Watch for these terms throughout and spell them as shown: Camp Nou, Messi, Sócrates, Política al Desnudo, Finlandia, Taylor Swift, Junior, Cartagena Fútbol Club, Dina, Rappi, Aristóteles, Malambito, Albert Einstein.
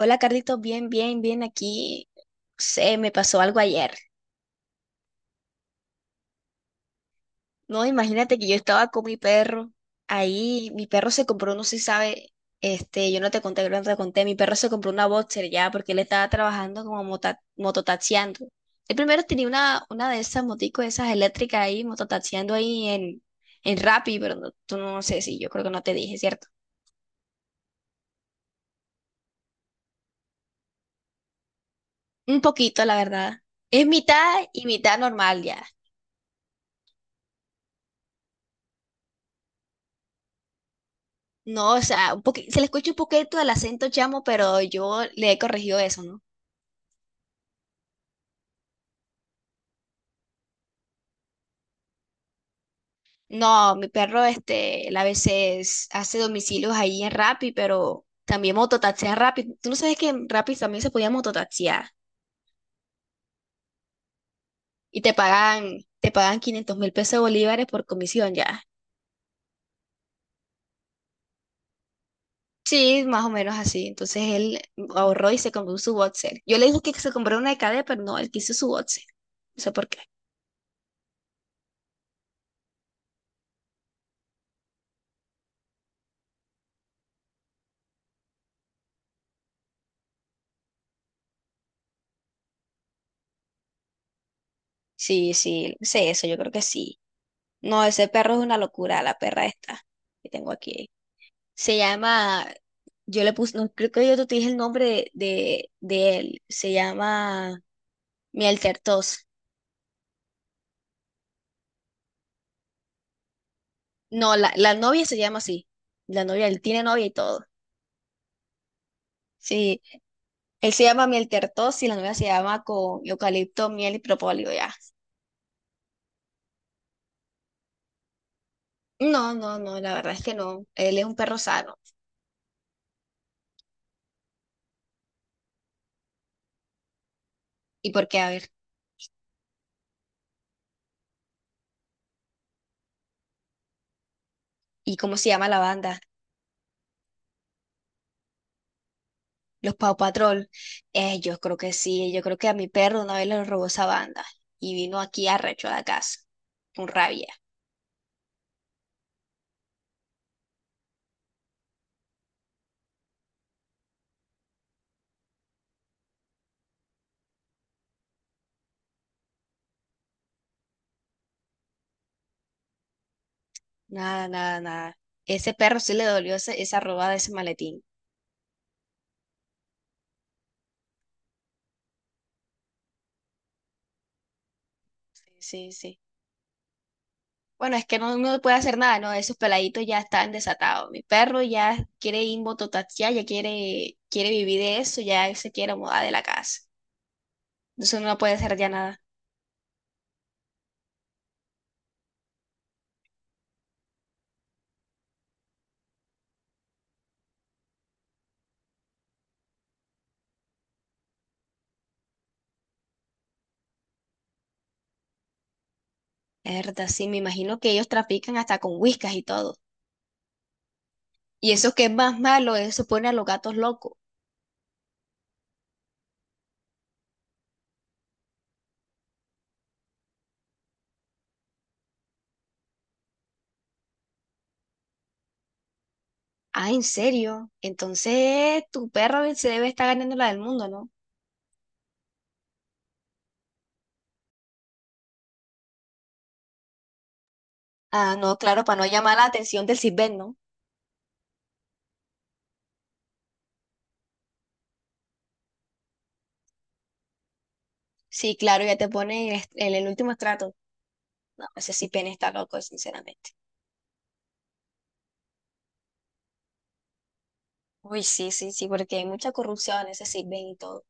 Hola Carlitos, bien, bien, bien aquí. Se me pasó algo ayer. No, imagínate que yo estaba con mi perro. Ahí mi perro se compró, no sé si sabe, yo no te conté, creo que no te conté, mi perro se compró una boxer ya porque él estaba trabajando como mototaxiando. El primero tenía una de esas moticos, esas eléctricas ahí, mototaxiando ahí en Rappi, pero tú no sé si yo creo que no te dije, ¿cierto? Un poquito, la verdad. Es mitad y mitad normal ya. No, o sea, se le escucha un poquito el acento chamo, pero yo le he corregido eso, ¿no? No, mi perro, él a veces hace domicilios ahí en Rappi, pero también mototaxea en Rappi. ¿Tú no sabes que en Rappi también se podía mototaxear? Y te pagan 500 mil pesos de bolívares por comisión ya. Sí, más o menos así. Entonces él ahorró y se compró su boxer. Yo le dije que se compró una de cadena, pero no, él quiso su boxer. No sé por qué. Sí, sí, sé eso, yo creo que sí. No, ese perro es una locura, la perra esta que tengo aquí. Se llama, yo le puse, no, creo que yo te dije el nombre de él. Se llama miel tertos. No, la novia se llama así. La novia, él tiene novia y todo. Sí, él se llama miel tertos y la novia se llama con eucalipto, miel y propóleo ya. No, no, no, la verdad es que no. Él es un perro sano. ¿Y por qué? A ver, ¿y cómo se llama la banda? Los Paw Patrol. Yo creo que sí, yo creo que a mi perro una vez le robó esa banda y vino aquí arrecho a la casa, con rabia. Nada, nada, nada. Ese perro sí le dolió esa robada de ese maletín. Sí, sí, sí. Bueno, es que no puede hacer nada, ¿no? Esos peladitos ya están desatados. Mi perro ya quiere invototaxiar, ya quiere vivir de eso, ya se quiere mudar de la casa. Entonces uno no puede hacer ya nada. Es verdad, sí, me imagino que ellos trafican hasta con whiskas y todo. Y eso que es más malo, eso pone a los gatos locos. Ah, ¿en serio? Entonces tu perro se debe estar ganando la del mundo, ¿no? Ah, no, claro, para no llamar la atención del Sitbén, ¿no? Sí, claro, ya te pone en en el último estrato. No, ese Sitbén está loco, sinceramente. Uy, sí, sí, sí, porque hay mucha corrupción en ese Sitbén y todo. O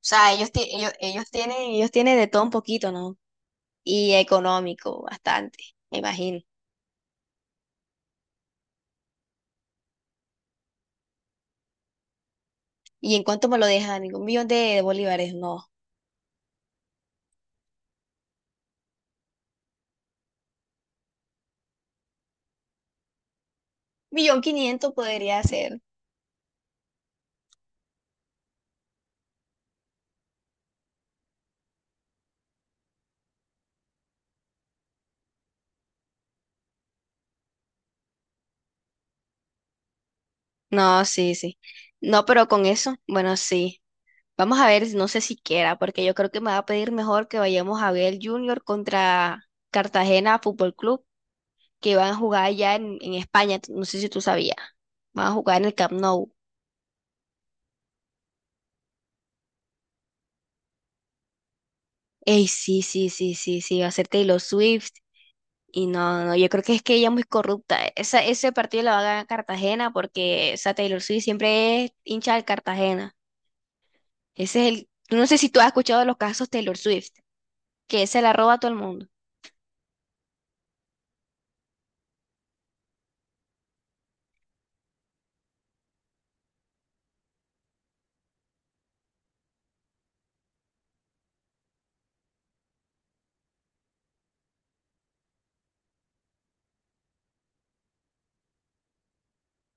sea, ellos, ti- ellos, ellos tienen de todo un poquito, ¿no? Y económico, bastante, me imagino. ¿Y en cuánto me lo dejan? Digo, un millón de bolívares, no. Millón quinientos podría ser. No, sí, sí. No, pero con eso, bueno, sí. Vamos a ver, no sé si quiera, porque yo creo que me va a pedir mejor que vayamos a ver el Junior contra Cartagena Fútbol Club, que van a jugar allá en España. No sé si tú sabías. Van a jugar en el Camp Nou. Ey, sí, sí, sí, sí, sí, va a ser Taylor Swift. Y no, yo creo que es que ella es muy corrupta. Esa, ese partido lo va a ganar Cartagena porque esa Taylor Swift siempre es hincha del Cartagena. Ese es el. No sé si tú has escuchado de los casos Taylor Swift, que se la roba a todo el mundo.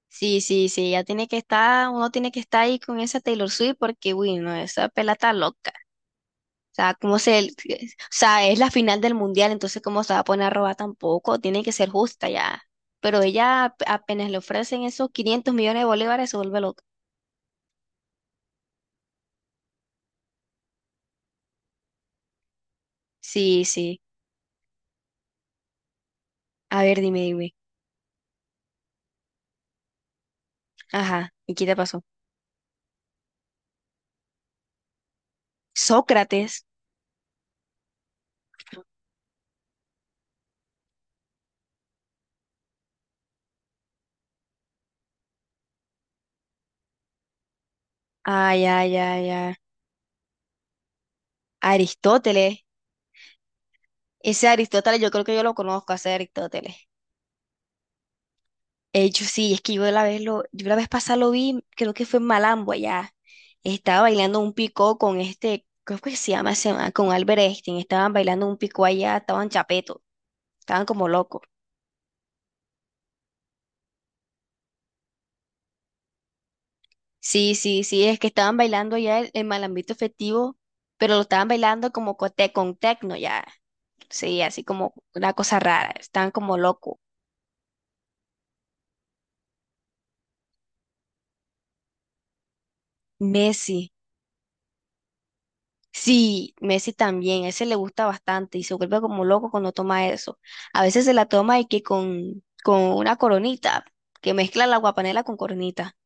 Sí, sí, sí, ya tiene que estar, uno tiene que estar ahí con esa Taylor Swift porque, uy, no, esa pela está loca. O sea, o sea, es la final del mundial, entonces cómo se va a poner a robar tampoco, tiene que ser justa ya. Pero ella apenas le ofrecen esos 500 millones de bolívares, se vuelve loca. Sí, sí. A ver, dime, dime. Ajá, ¿y qué te pasó? Sócrates. Ay, ay, ay, ay. Aristóteles. Ese Aristóteles, yo creo que yo lo conozco, ese Aristóteles. Yo sí, es que yo la vez pasada lo vi, creo que fue en Malambo allá. Estaba bailando un picó con creo que se llama, con Albert Einstein. Estaban bailando un picó allá, estaban chapeto, estaban como locos. Sí, sí, sí, es que estaban bailando allá el Malambito festivo, pero lo estaban bailando como con tecno ya. Sí, así como una cosa rara, estaban como locos. Messi. Sí, Messi también, a ese le gusta bastante y se vuelve como loco cuando toma eso. A veces se la toma y que con una coronita, que mezcla la guapanela con coronita.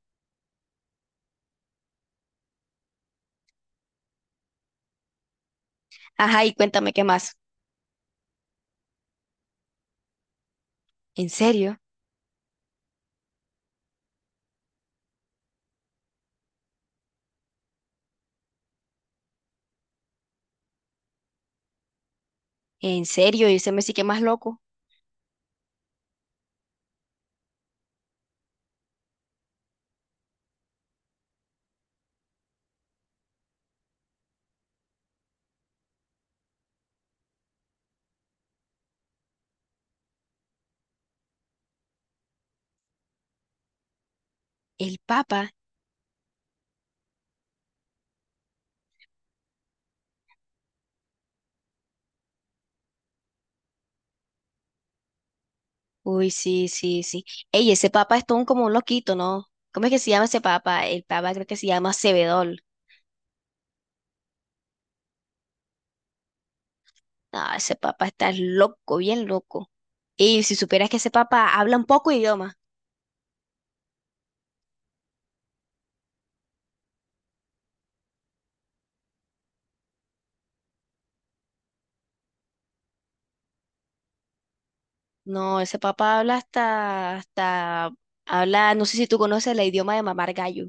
Ajá, y cuéntame qué más. ¿En serio? ¿En serio? ¿Y ese Messi qué más loco? ¿El Papa? Uy, sí, sí, sí. Ey, ese Papa es todo como un loquito, ¿no? ¿Cómo es que se llama ese Papa? El Papa creo que se llama Cebedol. Ah, ese Papa está loco, bien loco. Y si supieras que ese Papa habla un poco idioma. No, ese papá habla hasta, habla, no sé si tú conoces el idioma de mamar gallo.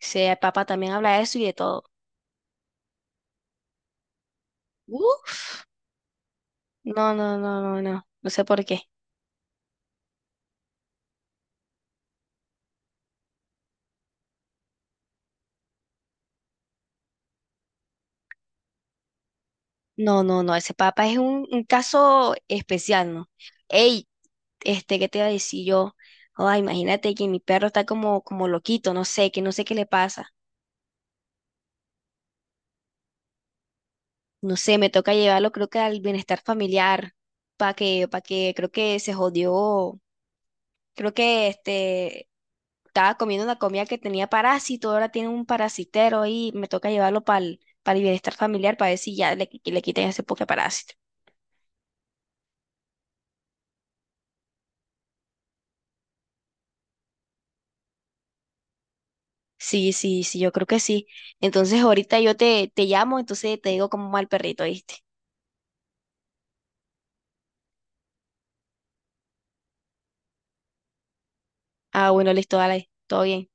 Ese papá también habla eso y de todo. Uf, no, no, no, no, no, no sé por qué. No, no, no, ese papá es un caso especial, ¿no? Ey, ¿qué te iba a decir yo? Ay, imagínate que mi perro está como loquito, no sé, que no sé qué le pasa. No sé, me toca llevarlo creo que al bienestar familiar, creo que se jodió. Creo que estaba comiendo una comida que tenía parásito, ahora tiene un parasitero y me toca llevarlo para el bienestar familiar para ver si ya le quitan ese poke parásito. Sí, sí, sí, yo creo que sí. Entonces ahorita yo te llamo, entonces te digo cómo va el perrito, ¿viste? Ah, bueno, listo, dale, todo bien.